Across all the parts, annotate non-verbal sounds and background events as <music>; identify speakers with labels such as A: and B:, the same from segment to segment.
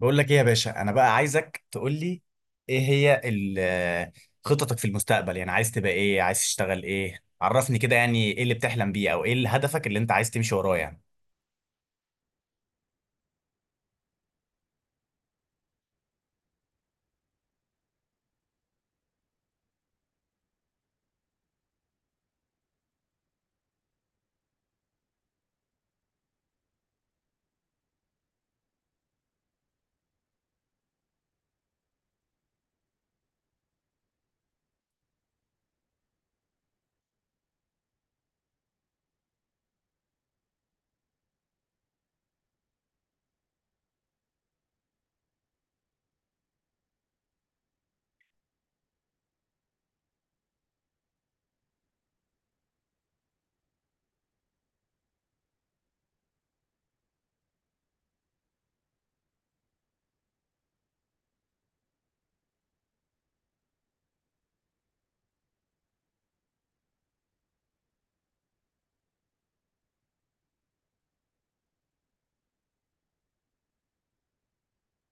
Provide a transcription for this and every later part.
A: بقول لك ايه يا باشا، انا بقى عايزك تقول لي ايه هي خططك في المستقبل. يعني عايز تبقى ايه، عايز تشتغل ايه، عرفني كده، يعني ايه اللي بتحلم بيه او ايه اللي هدفك اللي انت عايز تمشي وراه يعني.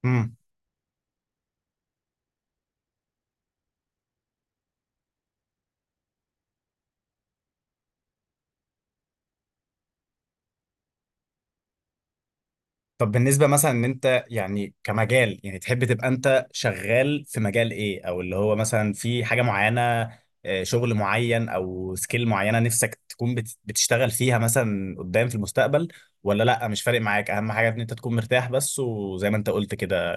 A: امم طب بالنسبة مثلا ان انت يعني كمجال، يعني تحب تبقى انت شغال في مجال ايه، او اللي هو مثلا في حاجة معينة، شغل معين او سكيل معينة نفسك تكون بتشتغل فيها مثلا قدام في المستقبل، ولا لا مش فارق معاك، اهم حاجة ان انت تكون مرتاح بس وزي ما انت قلت كده،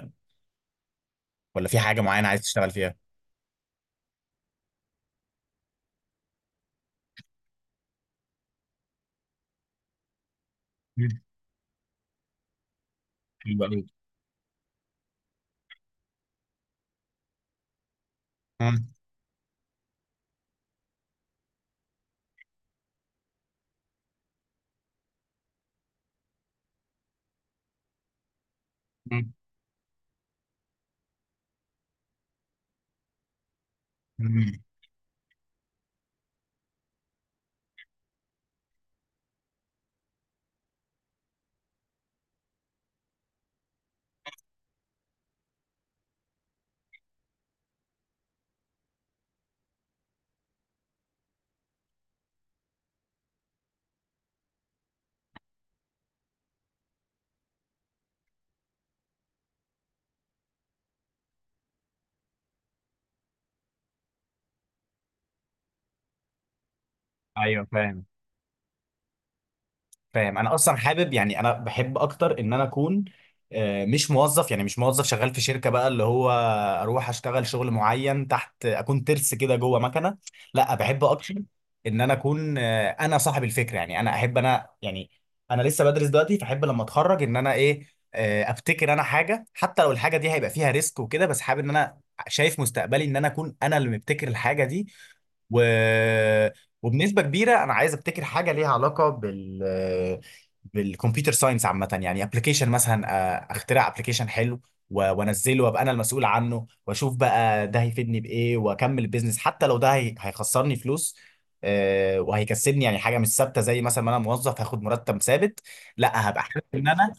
A: ولا في حاجة معينة عايز تشتغل فيها؟ مم. حلو قوي. مم. مم. مم. ايوه فاهم. فاهم. انا اصلا حابب، يعني انا بحب اكتر ان انا اكون مش موظف، يعني مش موظف شغال في شركه بقى، اللي هو اروح اشتغل شغل معين تحت، اكون ترس كده جوه مكنه. لا، بحب اكتر ان انا اكون انا صاحب الفكره. يعني انا احب، انا يعني انا لسه بدرس دلوقتي، فاحب لما اتخرج ان انا ايه، ابتكر انا حاجه، حتى لو الحاجه دي هيبقى فيها ريسك وكده، بس حابب ان انا شايف مستقبلي ان انا اكون انا اللي مبتكر الحاجه دي و... وبنسبه كبيره انا عايز ابتكر حاجه ليها علاقه بالكمبيوتر ساينس عامه، يعني ابلكيشن مثلا. اخترع ابلكيشن حلو وانزله وابقى انا المسؤول عنه، واشوف بقى ده هيفيدني بايه، واكمل البيزنس حتى لو ده هيخسرني فلوس، وهيكسبني يعني حاجه مش ثابته، زي مثلا ما انا موظف هاخد مرتب ثابت. لا، هبقى حابب ان انا،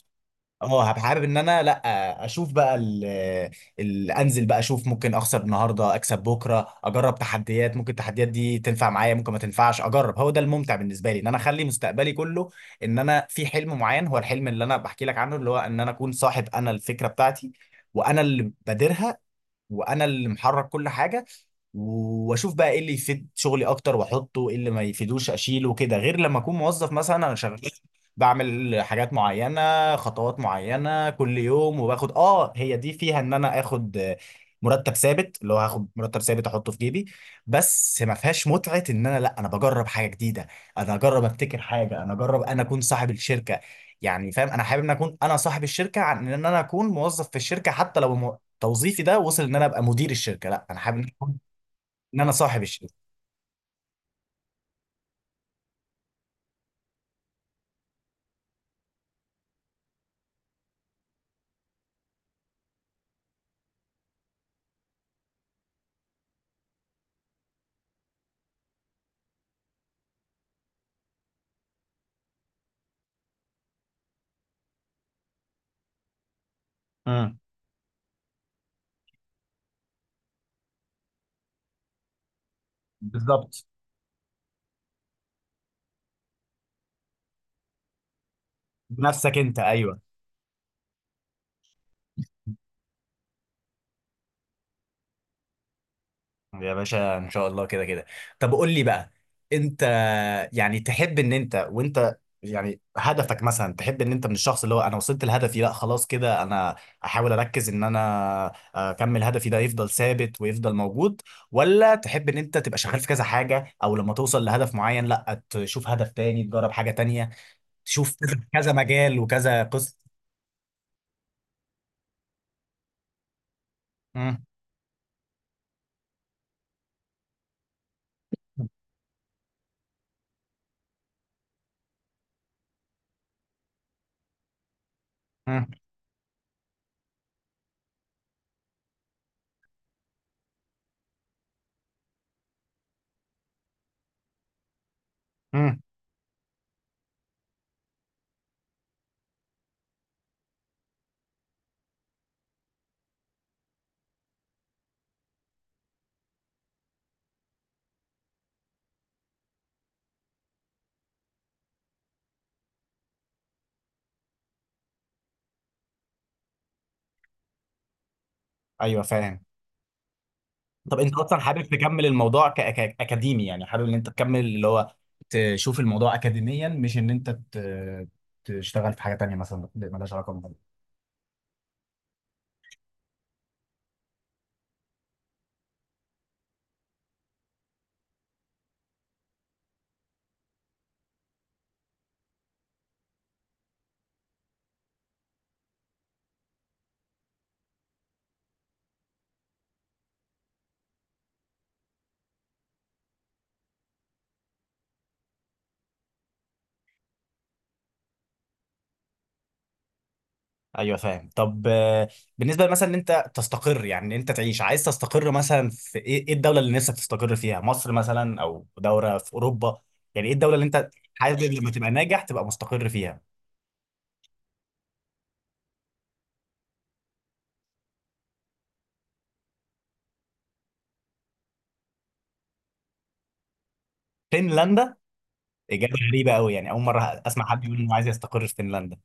A: اه هبقى حابب ان انا لا اشوف بقى ال ال انزل بقى اشوف، ممكن اخسر النهارده اكسب بكره، اجرب تحديات، ممكن التحديات دي تنفع معايا ممكن ما تنفعش، اجرب، هو ده الممتع بالنسبه لي، ان انا اخلي مستقبلي كله ان انا في حلم معين، هو الحلم اللي انا بحكي لك عنه، اللي هو ان انا اكون صاحب انا الفكره بتاعتي، وانا اللي بادرها، وانا اللي محرك كل حاجه، واشوف بقى ايه اللي يفيد شغلي اكتر واحطه، ايه اللي ما يفيدوش اشيله كده. غير لما اكون موظف مثلا، انا شغال بعمل حاجات معينه خطوات معينه كل يوم وباخد، اه هي دي فيها ان انا اخد مرتب ثابت، اللي هو هاخد مرتب ثابت احطه في جيبي، بس ما فيهاش متعه. ان انا لا، انا بجرب حاجه جديده، انا اجرب ابتكر حاجه، انا اجرب انا اكون صاحب الشركه. يعني فاهم، انا حابب ان اكون انا صاحب الشركه عن ان انا اكون موظف في الشركه، حتى لو توظيفي ده وصل ان انا ابقى مدير الشركه. لا، انا حابب ان إن انا صاحب الشركه. امم بالظبط. بنفسك انت، ايوه يا باشا ان شاء الله كده كده. طب قول لي بقى، انت يعني تحب ان انت، وانت يعني هدفك مثلا تحب ان انت من الشخص اللي هو انا وصلت لهدفي، لا خلاص كده انا احاول اركز ان انا اكمل هدفي ده يفضل ثابت ويفضل موجود، ولا تحب ان انت تبقى شغال في كذا حاجة، او لما توصل لهدف معين لا تشوف هدف تاني تجرب حاجة تانية، تشوف كذا كذا مجال وكذا قصه؟ مم. مم. مم. ايوه فاهم. طب انت اصلا حابب تكمل الموضوع كاكاديمي، يعني حابب ان انت تكمل اللي هو تشوف الموضوع اكاديميا، مش ان انت تشتغل في حاجه تانية مثلا مالهاش علاقه بالموضوع؟ ايوه فاهم. طب بالنسبه مثلا ان انت تستقر، يعني ان انت تعيش عايز تستقر مثلا في ايه، إيه الدوله اللي نفسك تستقر فيها؟ مصر مثلا او دوله في اوروبا، يعني ايه الدوله اللي انت حابب لما تبقى ناجح تبقى مستقر فيها؟ فنلندا؟ اجابه غريبه قوي، يعني اول مره اسمع حد يقول انه عايز يستقر في فنلندا.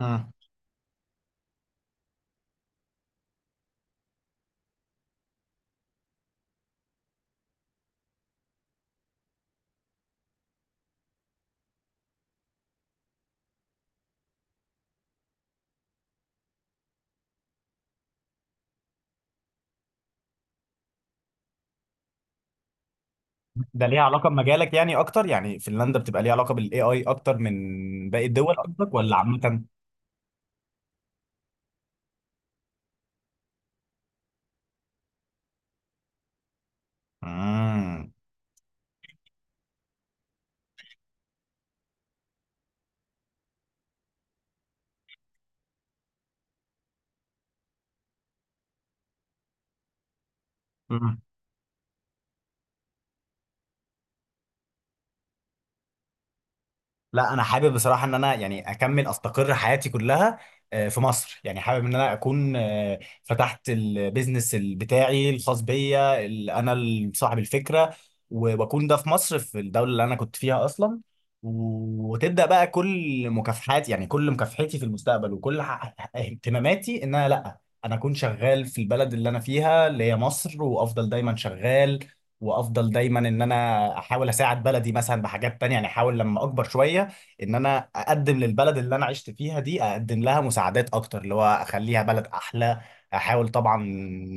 A: مم. ده ليها علاقه بمجالك يعني اكتر؟ يعني فنلندا بتبقى ليها علاقه بالاي اي اكتر من باقي الدول قصدك ولا عامه؟ امم مم. لا، انا حابب بصراحه ان انا يعني اكمل استقر حياتي كلها في مصر. يعني حابب ان انا اكون فتحت البيزنس بتاعي الخاص بيا، انا صاحب الفكره، واكون ده في مصر، في الدوله اللي انا كنت فيها اصلا، وتبدا بقى كل مكافحاتي، يعني كل مكافحتي في المستقبل وكل اهتماماتي، ان انا لا، انا اكون شغال في البلد اللي انا فيها اللي هي مصر، وافضل دايما شغال، وافضل دايما ان انا احاول اساعد بلدي مثلا بحاجات تانية. يعني احاول لما اكبر شوية ان انا اقدم للبلد اللي انا عشت فيها دي، اقدم لها مساعدات اكتر، اللي هو اخليها بلد احلى. احاول طبعا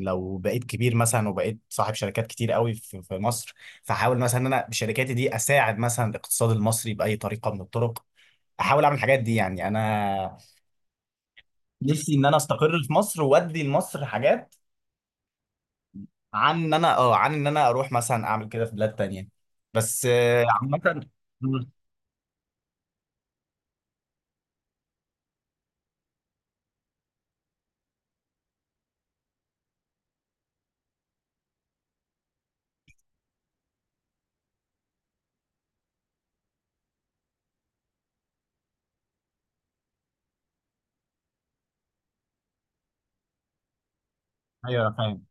A: لو بقيت كبير مثلا وبقيت صاحب شركات كتير قوي في مصر، فحاول مثلا ان انا بشركاتي دي اساعد مثلا الاقتصاد المصري باي طريقه من الطرق. احاول اعمل الحاجات دي. يعني انا نفسي ان انا استقر في مصر وادي لمصر حاجات، عن ان انا اه عن ان انا اروح مثلا اعمل كده في بلاد تانية. بس عامة. مم. ايوه فاهم.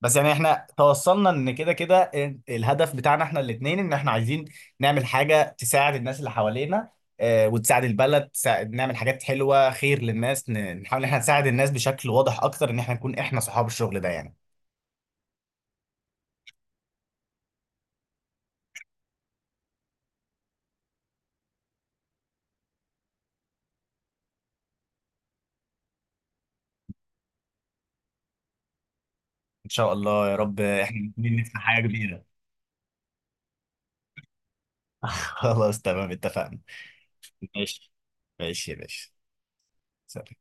A: بس يعني احنا توصلنا ان كده كده الهدف بتاعنا احنا الاثنين ان احنا عايزين نعمل حاجة تساعد الناس اللي حوالينا، وتساعد البلد، تساعد نعمل حاجات حلوة خير للناس، نحاول ان احنا نساعد الناس بشكل واضح اكتر ان احنا نكون احنا صحاب الشغل ده يعني. ان شاء الله يا رب احنا الاثنين نفتح حاجة كبيرة. <laughs> خلاص تمام، اتفقنا. ماشي، ماشي يا باشا. سلام.